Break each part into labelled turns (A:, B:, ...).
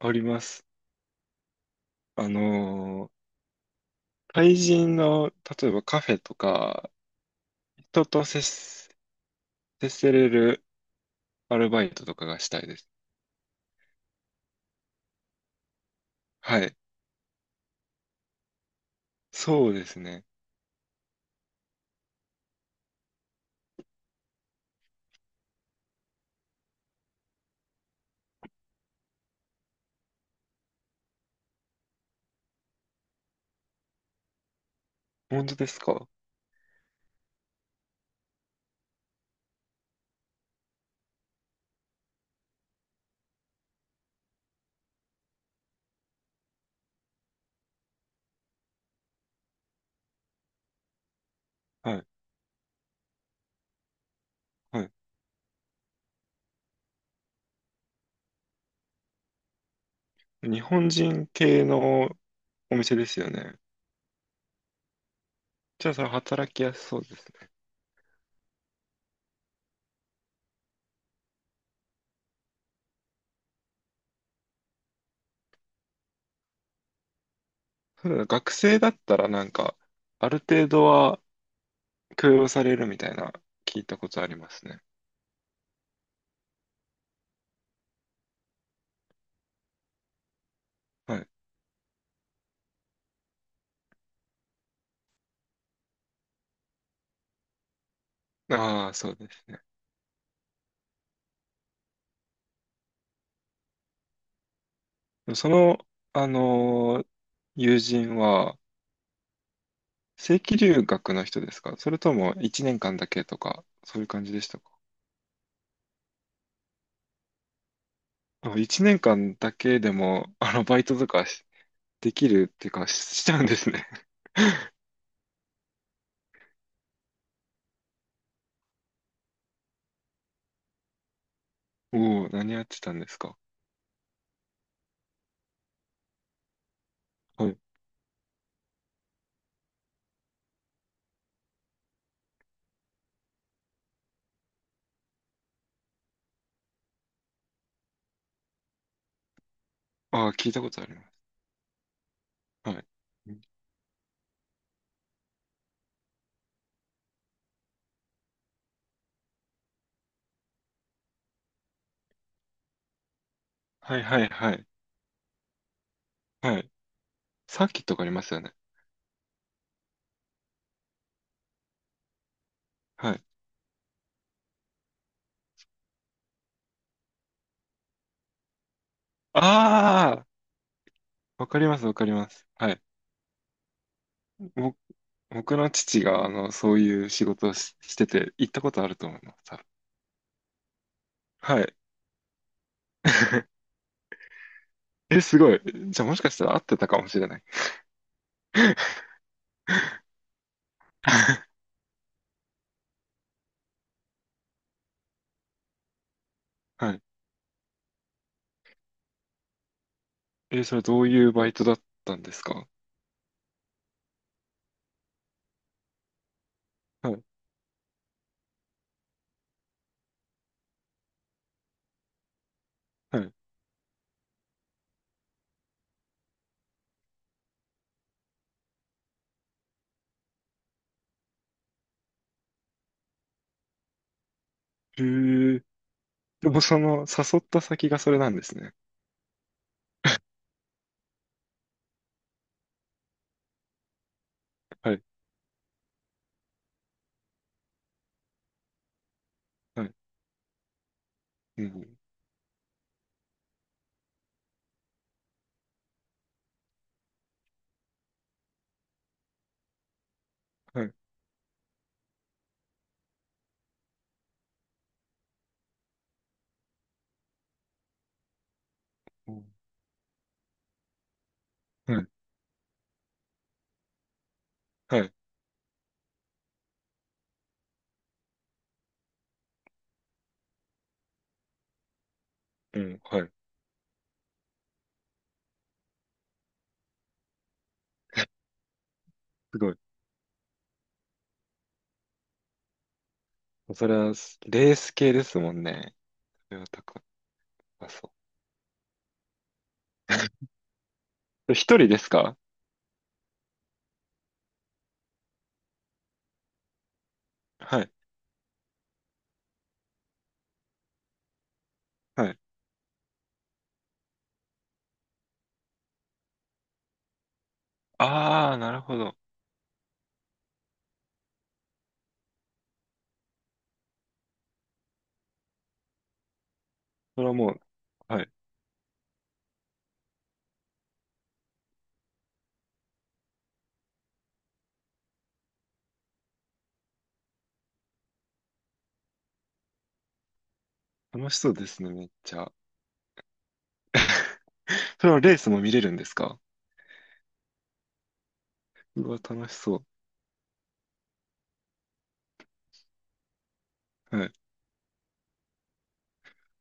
A: あります。あのー、対人の、例えばカフェとか、人と接す、接せれるアルバイトとかがしたいです。はい。そうですね。本当ですか？はい。はい。日本人系のお店ですよね。じゃあ、それ働きやすそうです。ただ学生だったらなんか、ある程度は許容されるみたいな、聞いたことありますね。はい。ああ、そうですね。でもその、あのー友人は、正規留学の人ですか？それとも1年間だけとか、そういう感じでしたか？あ、1年間だけでも、あの、バイトとかできるっていうか、しちゃうんですね。おお、何やってたんですか？はい。ああ、聞いたことあります。はい。うん、はいはいはい。はい。サーキットがありますよね。はい。ああ、わかりますわかります。はい。ぼ僕の父が、あの、そういう仕事をし、してて、行ったことあると思います。多分。はい。え、すごい。じゃあもしかしたら合ってたかもしれない。はい。え、それどういうバイトだったんですか？はい。はい。へえ。でもその、誘った先がそれなんですね。はい。はい。うん。はい。うん。はい。はい。うん。はい。すごい。それは、レース系ですもんね。それは高そう。一人ですか？はい。はい。ああ、なるほど。それはもう、はい。楽しそうですね、めっちゃ。それはレースも見れるんですか？うわ、楽しそう。はい。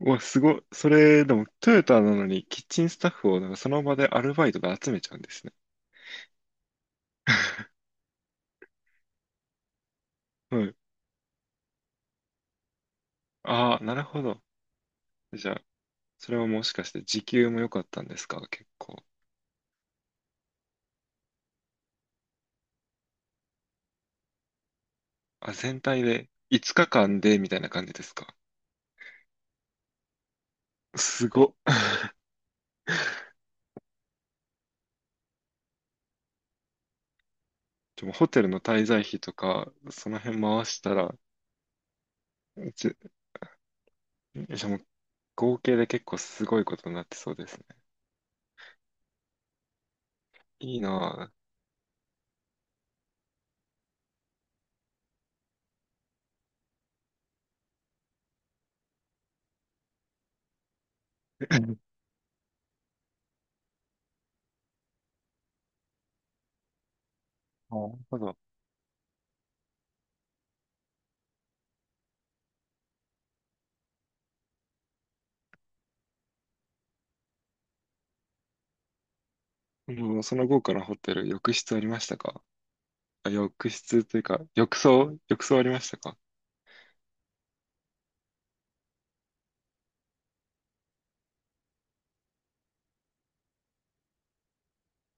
A: うわ、すごい。それ、でも、トヨタなのに、キッチンスタッフを、なんかその場でアルバイトで集めちゃうんですね。はい。ああ、なるほど。じゃあ、それはもしかして時給も良かったんですか？結構。あ、全体で5日間でみたいな感じですか？すごっ。でもホテルの滞在費とか、その辺回したら、じ、じゃあもう合計で結構すごいことになってそうですね。いいなぁ。うん、なるほど。 もうその後からホテル、浴室ありましたか？あ、浴室というか、浴槽ありましたか？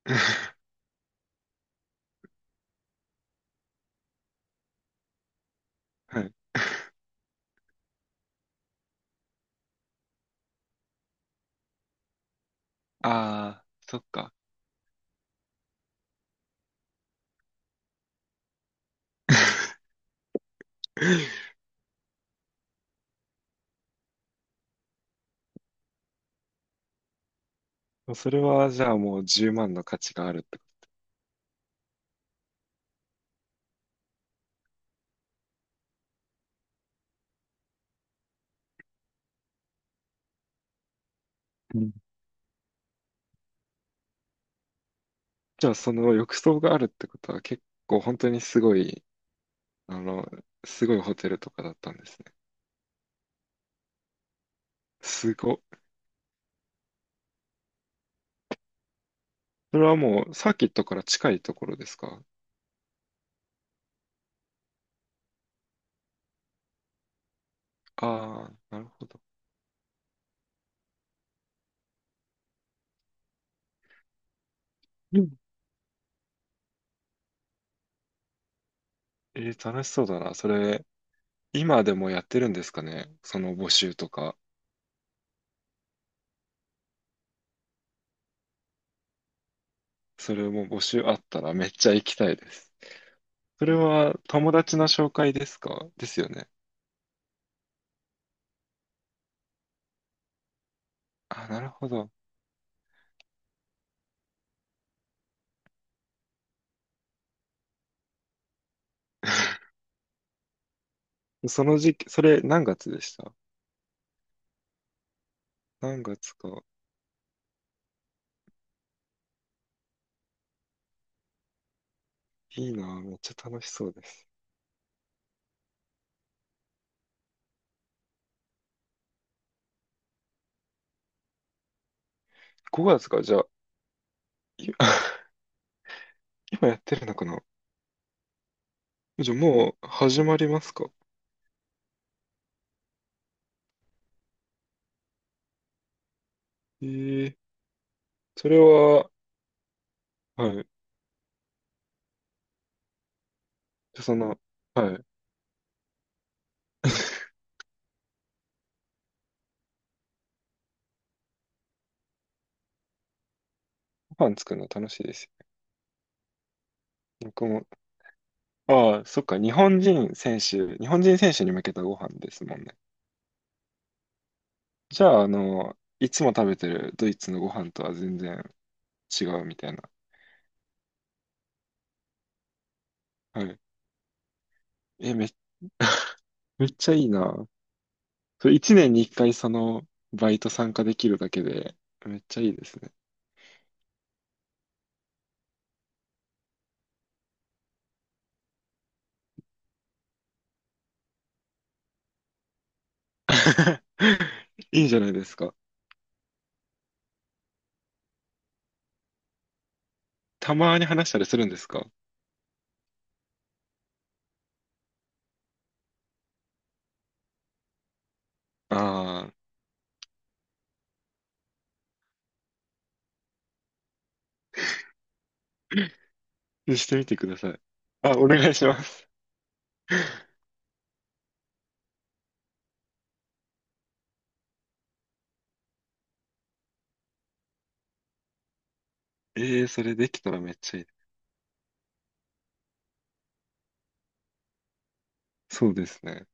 A: はい。ああ、そっか。それは、じゃあもう10万の価値があるってこと。うん。じゃあ、その浴槽があるってことは、結構本当にすごい、あの、すごいホテルとかだったんですね。すご。それはもう、サーキットから近いところですか？ああー、なるほど。うん。えー、楽しそうだな。それ、今でもやってるんですかね、その募集とか。それも募集あったらめっちゃ行きたいです。それは友達の紹介ですか？ですよね。あ、なるほど。その時期、それ何月でした？何月か？いいなぁ、めっちゃ楽しそうです。5月か、じゃあ、い 今やってるのかな？じゃあもう始まりますか？えー、それは、はい。じゃあはい。ご飯作るの楽しいですよね。ああ、そっか、日本人選手に向けたご飯ですもんね。じゃあ、あの、いつも食べてるドイツのご飯とは全然違うみたいな。はい。え、めっちゃいいな。それ一年に一回そのバイト参加できるだけで、めっちゃいいですね。いいじゃないですか。たまに話したりするんですか？ああー、してみてください。あ、お願いします。ええー、それできたらめっちゃいい。そうですね。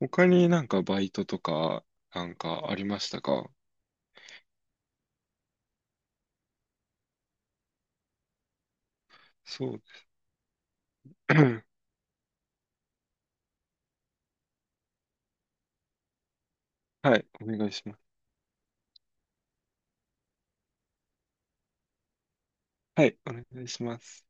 A: 他になんかバイトとか、なんかありましたか？そう。はい、お願いします。はい、お願いします。